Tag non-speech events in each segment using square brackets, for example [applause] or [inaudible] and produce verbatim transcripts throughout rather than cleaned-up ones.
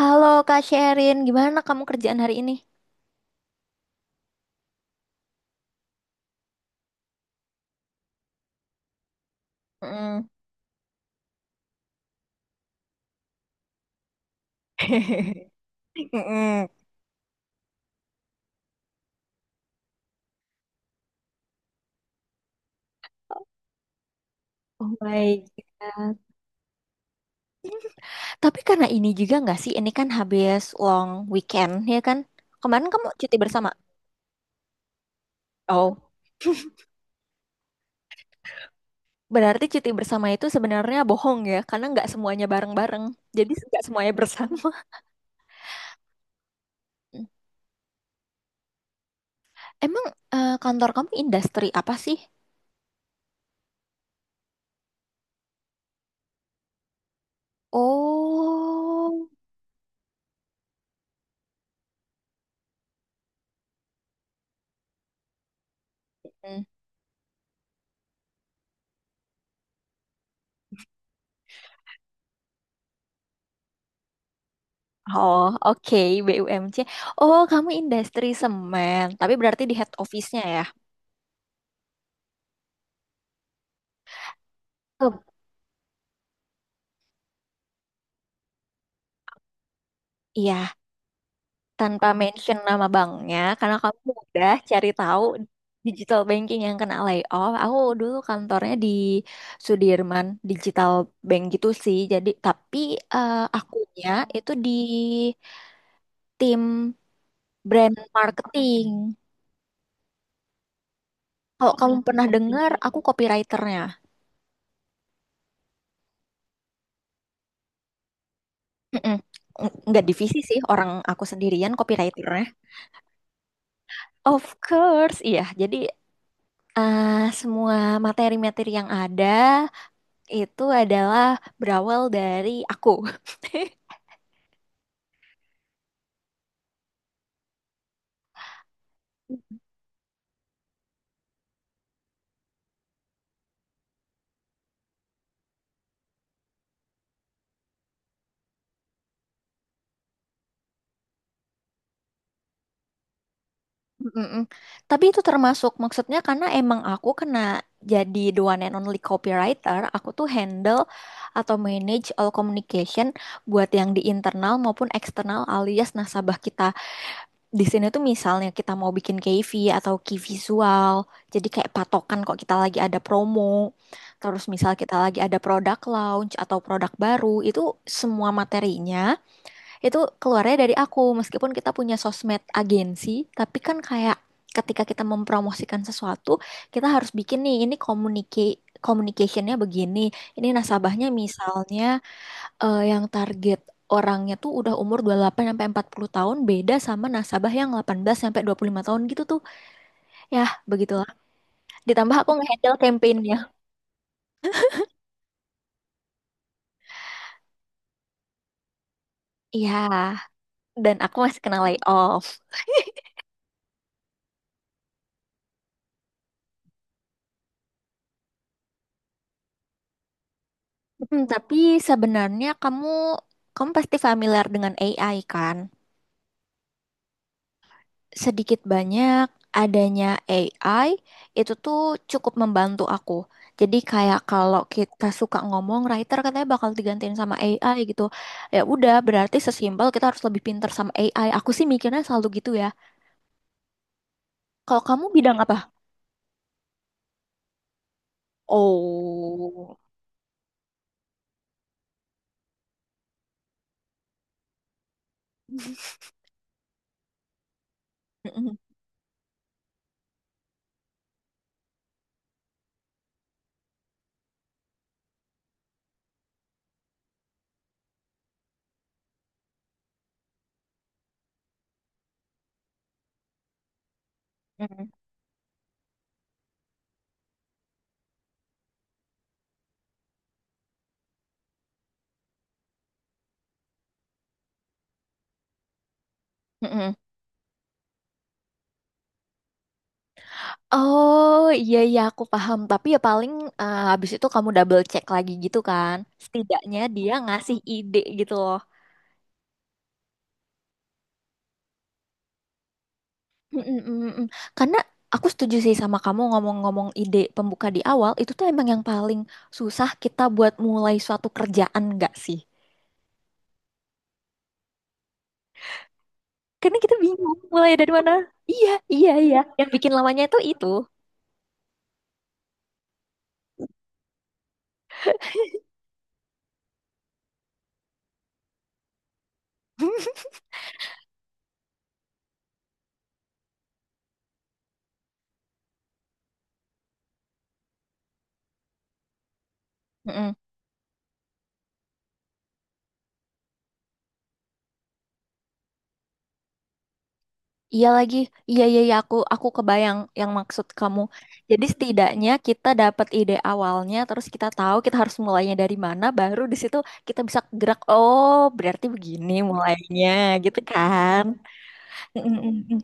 Halo Kak Sherin, gimana kamu kerjaan hari ini? Mm. [laughs] Mm-mm. Oh, baik. Tapi karena ini juga nggak sih, ini kan habis long weekend ya kan? Kemarin kamu cuti bersama. Oh, berarti cuti bersama itu sebenarnya bohong ya, karena nggak semuanya bareng-bareng. Jadi [laughs] nggak semuanya bersama. Mm. Emang eh, kantor kamu industri apa sih? Oh. Hmm. Oh, oke, B U M C. Oh, kamu industri semen, tapi berarti di head office-nya ya? Iya, tanpa mention nama banknya, karena kamu udah cari tahu digital banking yang kena layoff. Aku dulu kantornya di Sudirman, digital bank gitu sih. Jadi, tapi eh, akunya itu di tim brand marketing. Kalau kamu pernah dengar, aku copywriternya. Mm-mm. N- Nggak divisi sih, orang aku sendirian copywriternya. Of course, iya. Jadi, eh, semua materi-materi yang ada itu adalah berawal dari aku. [laughs] Mm-mm. Tapi itu termasuk maksudnya karena emang aku kena jadi the one and only copywriter, aku tuh handle atau manage all communication buat yang di internal maupun eksternal alias nasabah kita. Di sini tuh misalnya kita mau bikin K V atau key visual, jadi kayak patokan kok kita lagi ada promo, terus misal kita lagi ada product launch atau produk baru. Itu semua materinya itu keluarnya dari aku meskipun kita punya sosmed agensi, tapi kan kayak ketika kita mempromosikan sesuatu kita harus bikin nih ini komunike, communicationnya begini, ini nasabahnya misalnya eh, yang target orangnya tuh udah umur dua puluh delapan sampai empat puluh tahun, beda sama nasabah yang delapan belas sampai dua puluh lima tahun gitu tuh. Ya, begitulah, ditambah aku ngehandle campaignnya. Iya, dan aku masih kena layoff. Hmm, tapi sebenarnya kamu kamu pasti familiar dengan A I kan? Sedikit banyak adanya A I itu tuh cukup membantu aku. Jadi kayak kalau kita suka ngomong, writer katanya bakal digantiin sama A I gitu. Ya udah, berarti sesimpel kita harus lebih pinter sama A I. Aku sih mikirnya selalu gitu ya. Kalau kamu bidang apa? Oh. [laughs] Mm-mm, mm-mm, mm-mm. Oh, iya, iya, aku paham, tapi ya paling eh, habis itu kamu double check lagi gitu kan? Setidaknya dia ngasih ide gitu loh. Mm-mm, mm-mm. Karena aku setuju sih sama kamu, ngomong-ngomong ide pembuka di awal itu tuh emang yang paling susah kita buat mulai suatu kerjaan nggak sih? Karena kita bingung mulai dari mana. Iya, iya, iya. Yang bikin lamanya itu itu. [laughs] Mm-mm. Iya lagi, iya, iya, iya, aku aku kebayang yang maksud kamu. Jadi setidaknya kita dapat ide awalnya, terus kita tahu kita harus mulainya dari mana, baru di situ kita bisa gerak. Oh, berarti begini mulainya, gitu kan? Mm-mm-mm.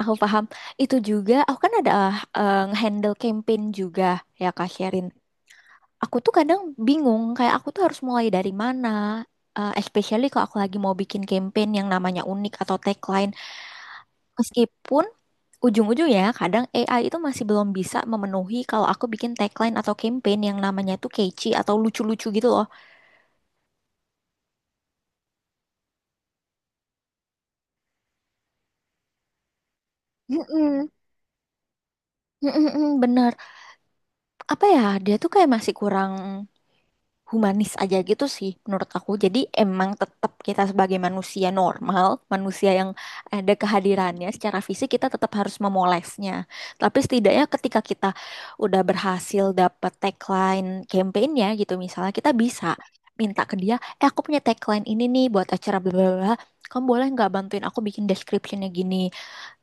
Aku paham. Itu juga, aku kan ada eh, nge-handle campaign juga ya Kak Sherin. Aku tuh kadang bingung, kayak aku tuh harus mulai dari mana. Eh, especially kalau aku lagi mau bikin campaign yang namanya unik atau tagline. Meskipun ujung-ujungnya kadang A I itu masih belum bisa memenuhi kalau aku bikin tagline atau campaign yang namanya tuh catchy atau lucu-lucu gitu loh. Mm-mm. Mm-mm-mm, bener. Apa ya, dia tuh kayak masih kurang humanis aja gitu sih menurut aku. Jadi emang tetap kita sebagai manusia normal, manusia yang ada kehadirannya secara fisik kita tetap harus memolesnya. Tapi setidaknya ketika kita udah berhasil dapat tagline campaignnya gitu misalnya kita bisa minta ke dia, eh, aku punya tagline ini nih buat acara bla bla bla. Kamu boleh nggak bantuin aku bikin descriptionnya gini?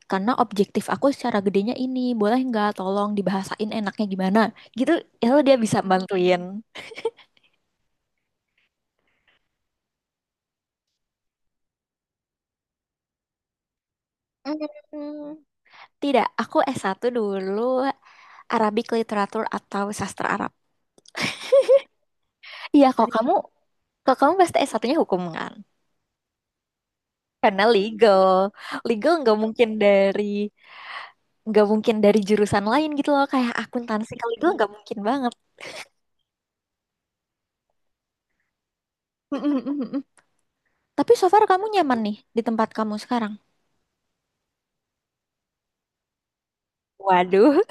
Karena objektif aku secara gedenya ini, boleh nggak tolong dibahasain enaknya gimana? Gitu, ya dia bisa bantuin. Hmm. Tidak, aku s satu dulu Arabic Literature atau Sastra Arab. Iya, kalau kamu kalau kamu pasti es satunya hukum kan? Karena legal. Legal nggak mungkin dari nggak mungkin dari jurusan lain gitu loh, kayak akuntansi ke legal, nggak mungkin banget. Mm-mm-mm-mm. Tapi so far kamu nyaman nih di tempat kamu sekarang. Waduh.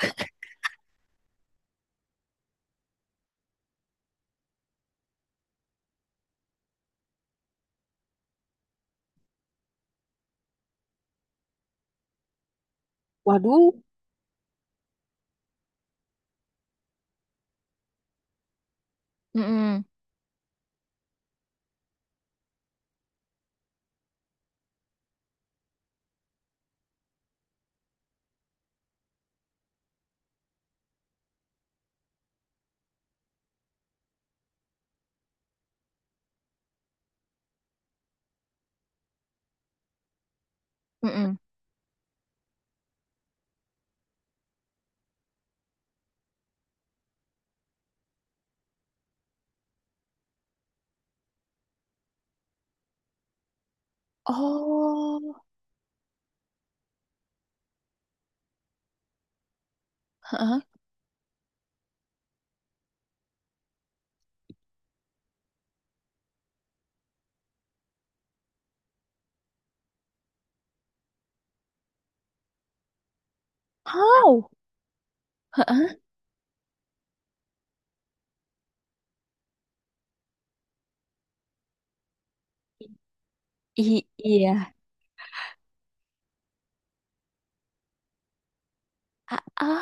Waduh. Mm-mm, mm-mm. Oh. Heeh. How? Heeh. I- iya. Ah, ah.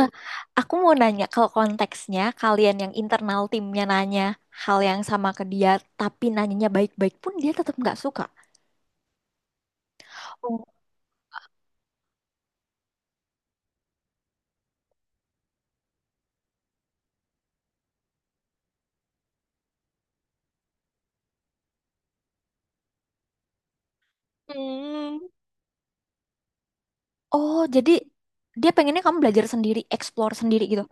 Eh, Aku mau nanya kalau konteksnya kalian yang internal timnya nanya hal yang sama ke dia tapi nanyanya baik-baik pun dia tetap nggak suka. Oh. Hmm. Oh, jadi dia pengennya kamu belajar sendiri, explore sendiri gitu.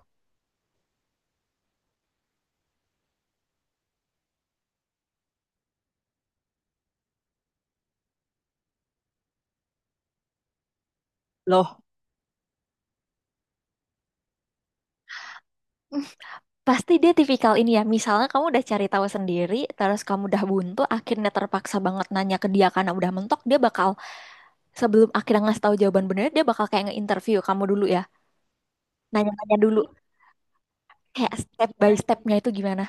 Loh. [laughs] Pasti dia tipikal ini ya. Misalnya kamu udah cari tahu sendiri, terus kamu udah buntu, akhirnya terpaksa banget nanya ke dia karena udah mentok, dia bakal sebelum akhirnya ngasih tahu jawaban benernya, dia bakal kayak nge-interview kamu dulu ya. Nanya-nanya dulu, kayak step by stepnya itu gimana.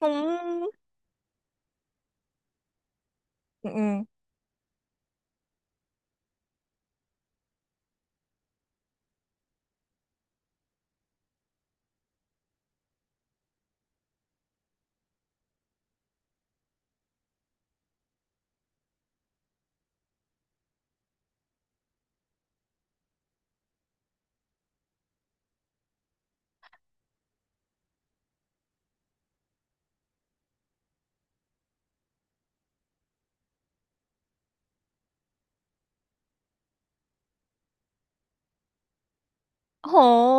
Hmm. Mm-mm. Oh,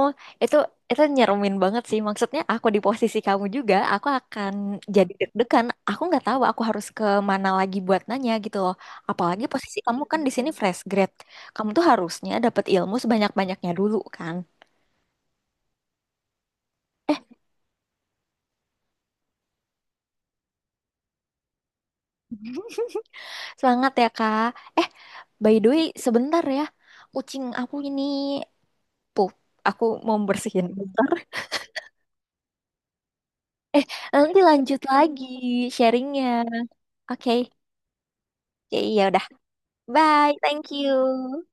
itu itu nyeremin banget sih. Maksudnya aku di posisi kamu juga, aku akan jadi deg-degan. Aku nggak tahu aku harus ke mana lagi buat nanya gitu loh. Apalagi posisi kamu kan di sini fresh grad. Kamu tuh harusnya dapat ilmu sebanyak-banyaknya dulu kan. Eh, [laughs] Semangat ya, Kak. Eh, by the way, sebentar ya. Kucing aku ini pup. Aku mau bersihin. Bentar. Eh, nanti lanjut lagi sharingnya. Oke, ya ya udah. Bye, thank you.